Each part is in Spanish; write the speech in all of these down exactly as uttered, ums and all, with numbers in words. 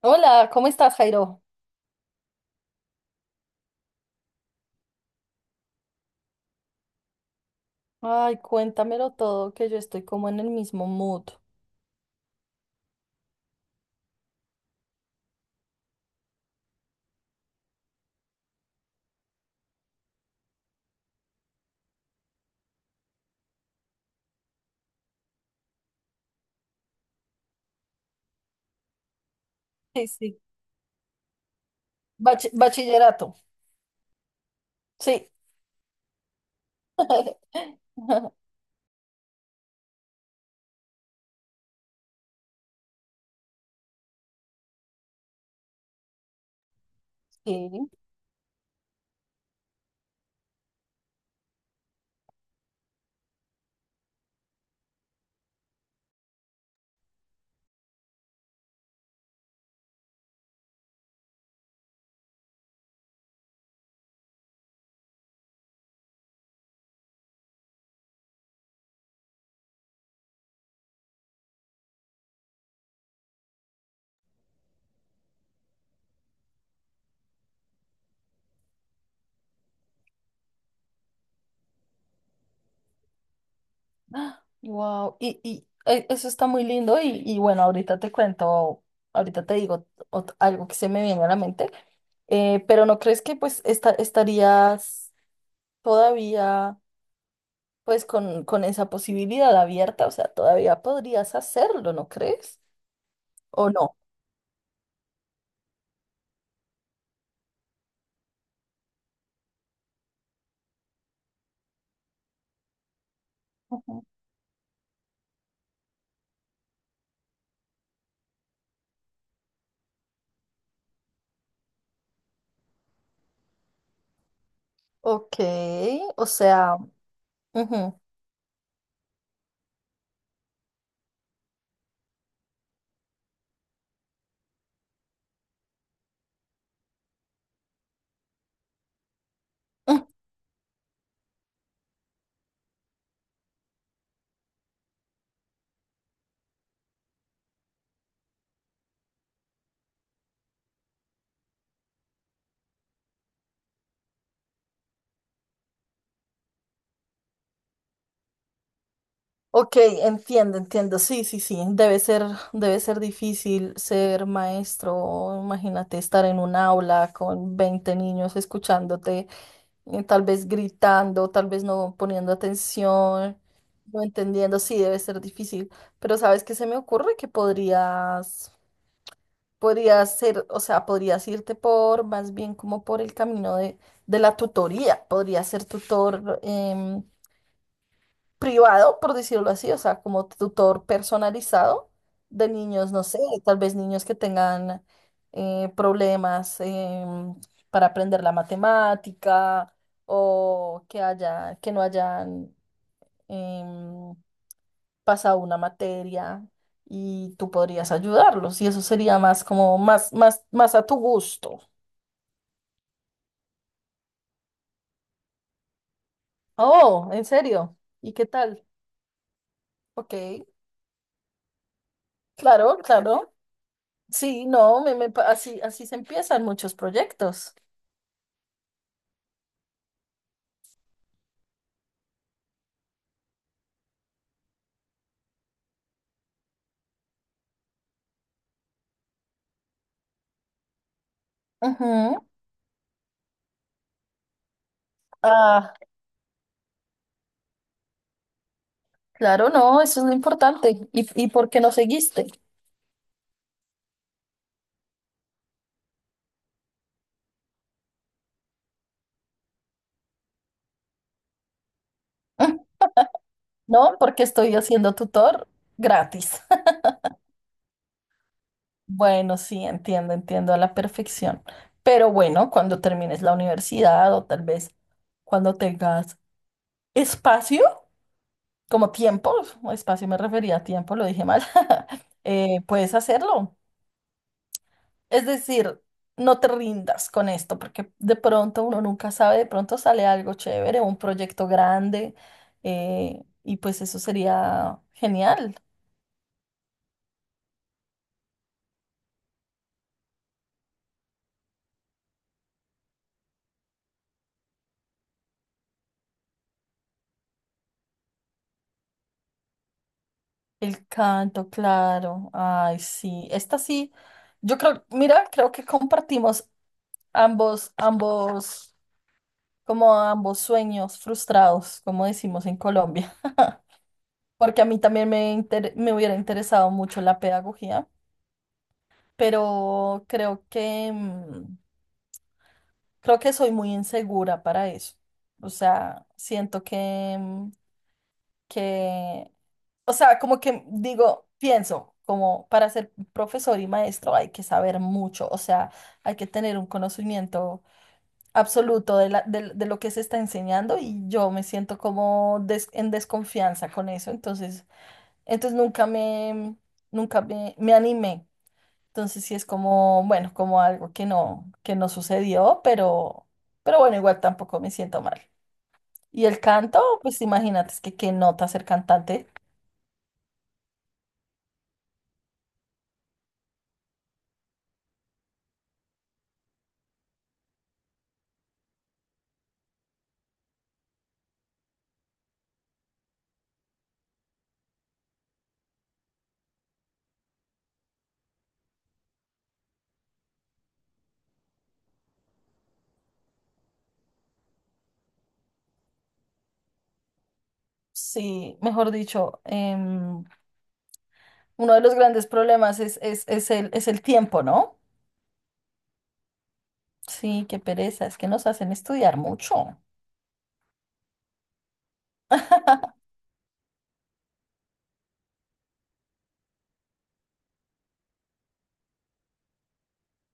Hola, ¿cómo estás, Jairo? Ay, cuéntamelo todo, que yo estoy como en el mismo mood. Sí, sí. Bachi- bachillerato, sí. Sí, wow. Y, y eh, eso está muy lindo y, y bueno, ahorita te cuento, ahorita te digo ot- algo que se me viene a la mente. Eh, pero ¿no crees que pues esta- estarías todavía pues con, con esa posibilidad abierta? O sea, todavía podrías hacerlo, ¿no crees? ¿O no? Ok, o sea, ujú, mm, ok, entiendo, entiendo. Sí, sí, sí. Debe ser, debe ser difícil ser maestro. Imagínate estar en un aula con veinte niños escuchándote, eh, tal vez gritando, tal vez no poniendo atención, no entendiendo. Sí, debe ser difícil. Pero ¿sabes qué se me ocurre? Que podrías, podrías ser, o sea, podrías irte por, más bien como por el camino de, de la tutoría. Podrías ser tutor. Em, privado, por decirlo así, o sea, como tutor personalizado de niños, no sé, tal vez niños que tengan eh, problemas em, para aprender la matemática o que haya, que no hayan em, pasado una materia y tú podrías ayudarlos y eso sería más como más, más, más a tu gusto. Oh, ¿en serio? ¿Y qué tal? Ok, claro, claro. Sí, no, me, me pa- así, así se empiezan muchos proyectos. Ujú. Ah, claro, no, eso es lo importante. ¿Y, y por qué no seguiste? Mm, no, porque estoy haciendo tutor gratis. Bueno, sí, entiendo, entiendo a la perfección. Pero bueno, cuando termines la universidad o tal vez cuando tengas espacio, como tiempo, espacio me refería a tiempo, lo dije mal. Eh, puedes hacerlo. Es decir, no te rindas con esto, porque de pronto uno nunca sabe, de pronto sale algo chévere, un proyecto grande, eh, y pues eso sería genial. El canto, claro. Ay, sí. Esta sí, yo creo, mira, creo que compartimos ambos, ambos, como ambos sueños frustrados, como decimos en Colombia, porque a mí también me, inter- me hubiera interesado mucho la pedagogía, pero creo que... mm, creo que soy muy insegura para eso. O sea, siento que, mm, que, o sea, como que digo, pienso, como para ser profesor y maestro hay que saber mucho, o sea, hay que tener un conocimiento absoluto de, la- de, de lo que se está enseñando y yo me siento como des- en desconfianza con eso, entonces, entonces nunca me, nunca me, me animé. Entonces sí es como, bueno, como algo que no, que no sucedió, pero, pero bueno, igual tampoco me siento mal. Y el canto, pues imagínate, es que qué nota ser cantante. Sí, mejor dicho, em, uno de los grandes problemas es, es, es el, es el tiempo, ¿no? Sí, qué pereza, es que nos hacen estudiar mucho.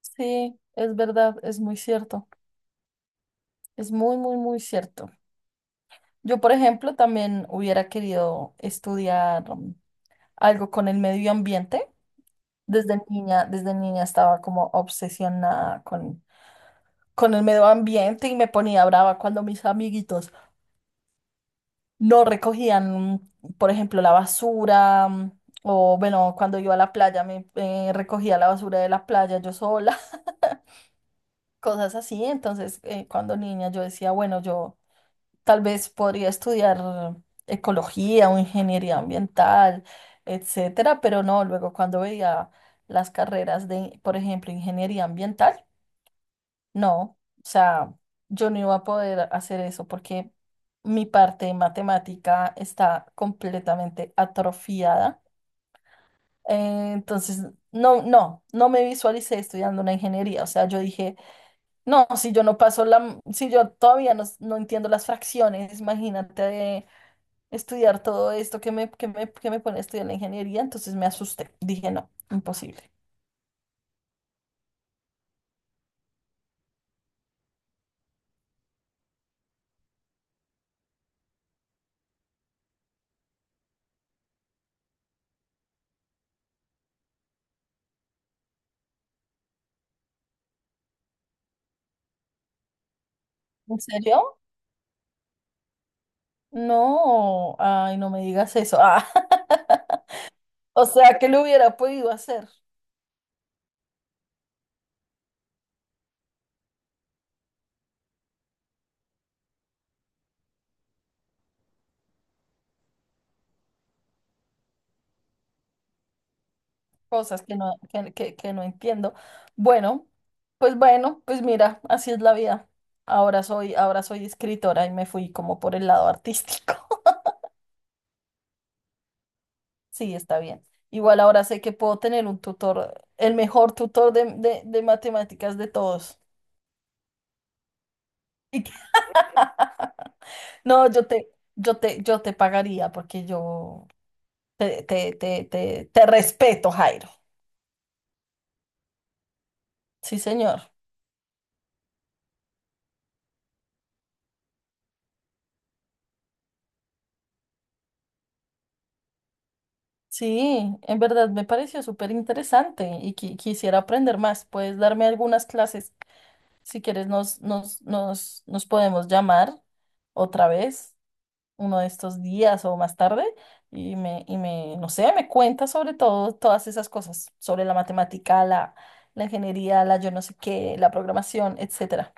Sí, es verdad, es muy cierto, es muy, muy, muy cierto. Yo, por ejemplo, también hubiera querido estudiar um, algo con el medio ambiente. Desde niña, desde niña estaba como obsesionada con, con el medio ambiente y me ponía brava cuando mis amiguitos no recogían, por ejemplo, la basura, mm, o bueno, cuando iba a la playa me eh, recogía la basura de la playa yo sola. Cosas así. Entonces, eh, cuando niña yo decía, bueno, yo tal vez podría estudiar ecología o ingeniería ambiental, etcétera, pero no, luego cuando veía las carreras de, por ejemplo, ingeniería ambiental, no, o sea, yo no iba a poder hacer eso porque mi parte de matemática está completamente atrofiada. Eh, entonces, no, no, no me visualicé estudiando una ingeniería. O sea, yo dije, no, si yo no paso la, si yo todavía no, no entiendo las fracciones, imagínate de estudiar todo esto que me, que me, que me pone a estudiar la ingeniería. Entonces me asusté. Dije, no, imposible. ¿En serio? No, ay, no me digas eso. Ah. O sea, que lo hubiera podido hacer, cosas que no, que, que- que no entiendo. Bueno, pues bueno, pues mira, así es la vida. Ahora soy, ahora soy escritora y me fui como por el lado artístico. Sí, está bien. Igual ahora sé que puedo tener un tutor, el mejor tutor de, de- de matemáticas de todos. Y que... No, yo te, yo te, yo te pagaría porque yo te, te, te, te, te respeto, Jairo. Sí, señor. Sí, en verdad me pareció súper interesante y qui- quisiera aprender más. Puedes darme algunas clases. Si quieres, nos, nos, nos, nos podemos llamar otra vez, uno de estos días o más tarde, y me, y me, no sé, me cuentas sobre todo todas esas cosas, sobre la matemática, la, la ingeniería, la yo no sé qué, la programación, etcétera.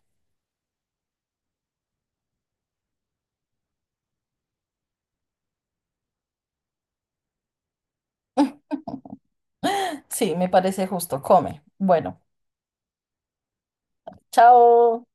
Sí, me parece justo. Come. Bueno, chao.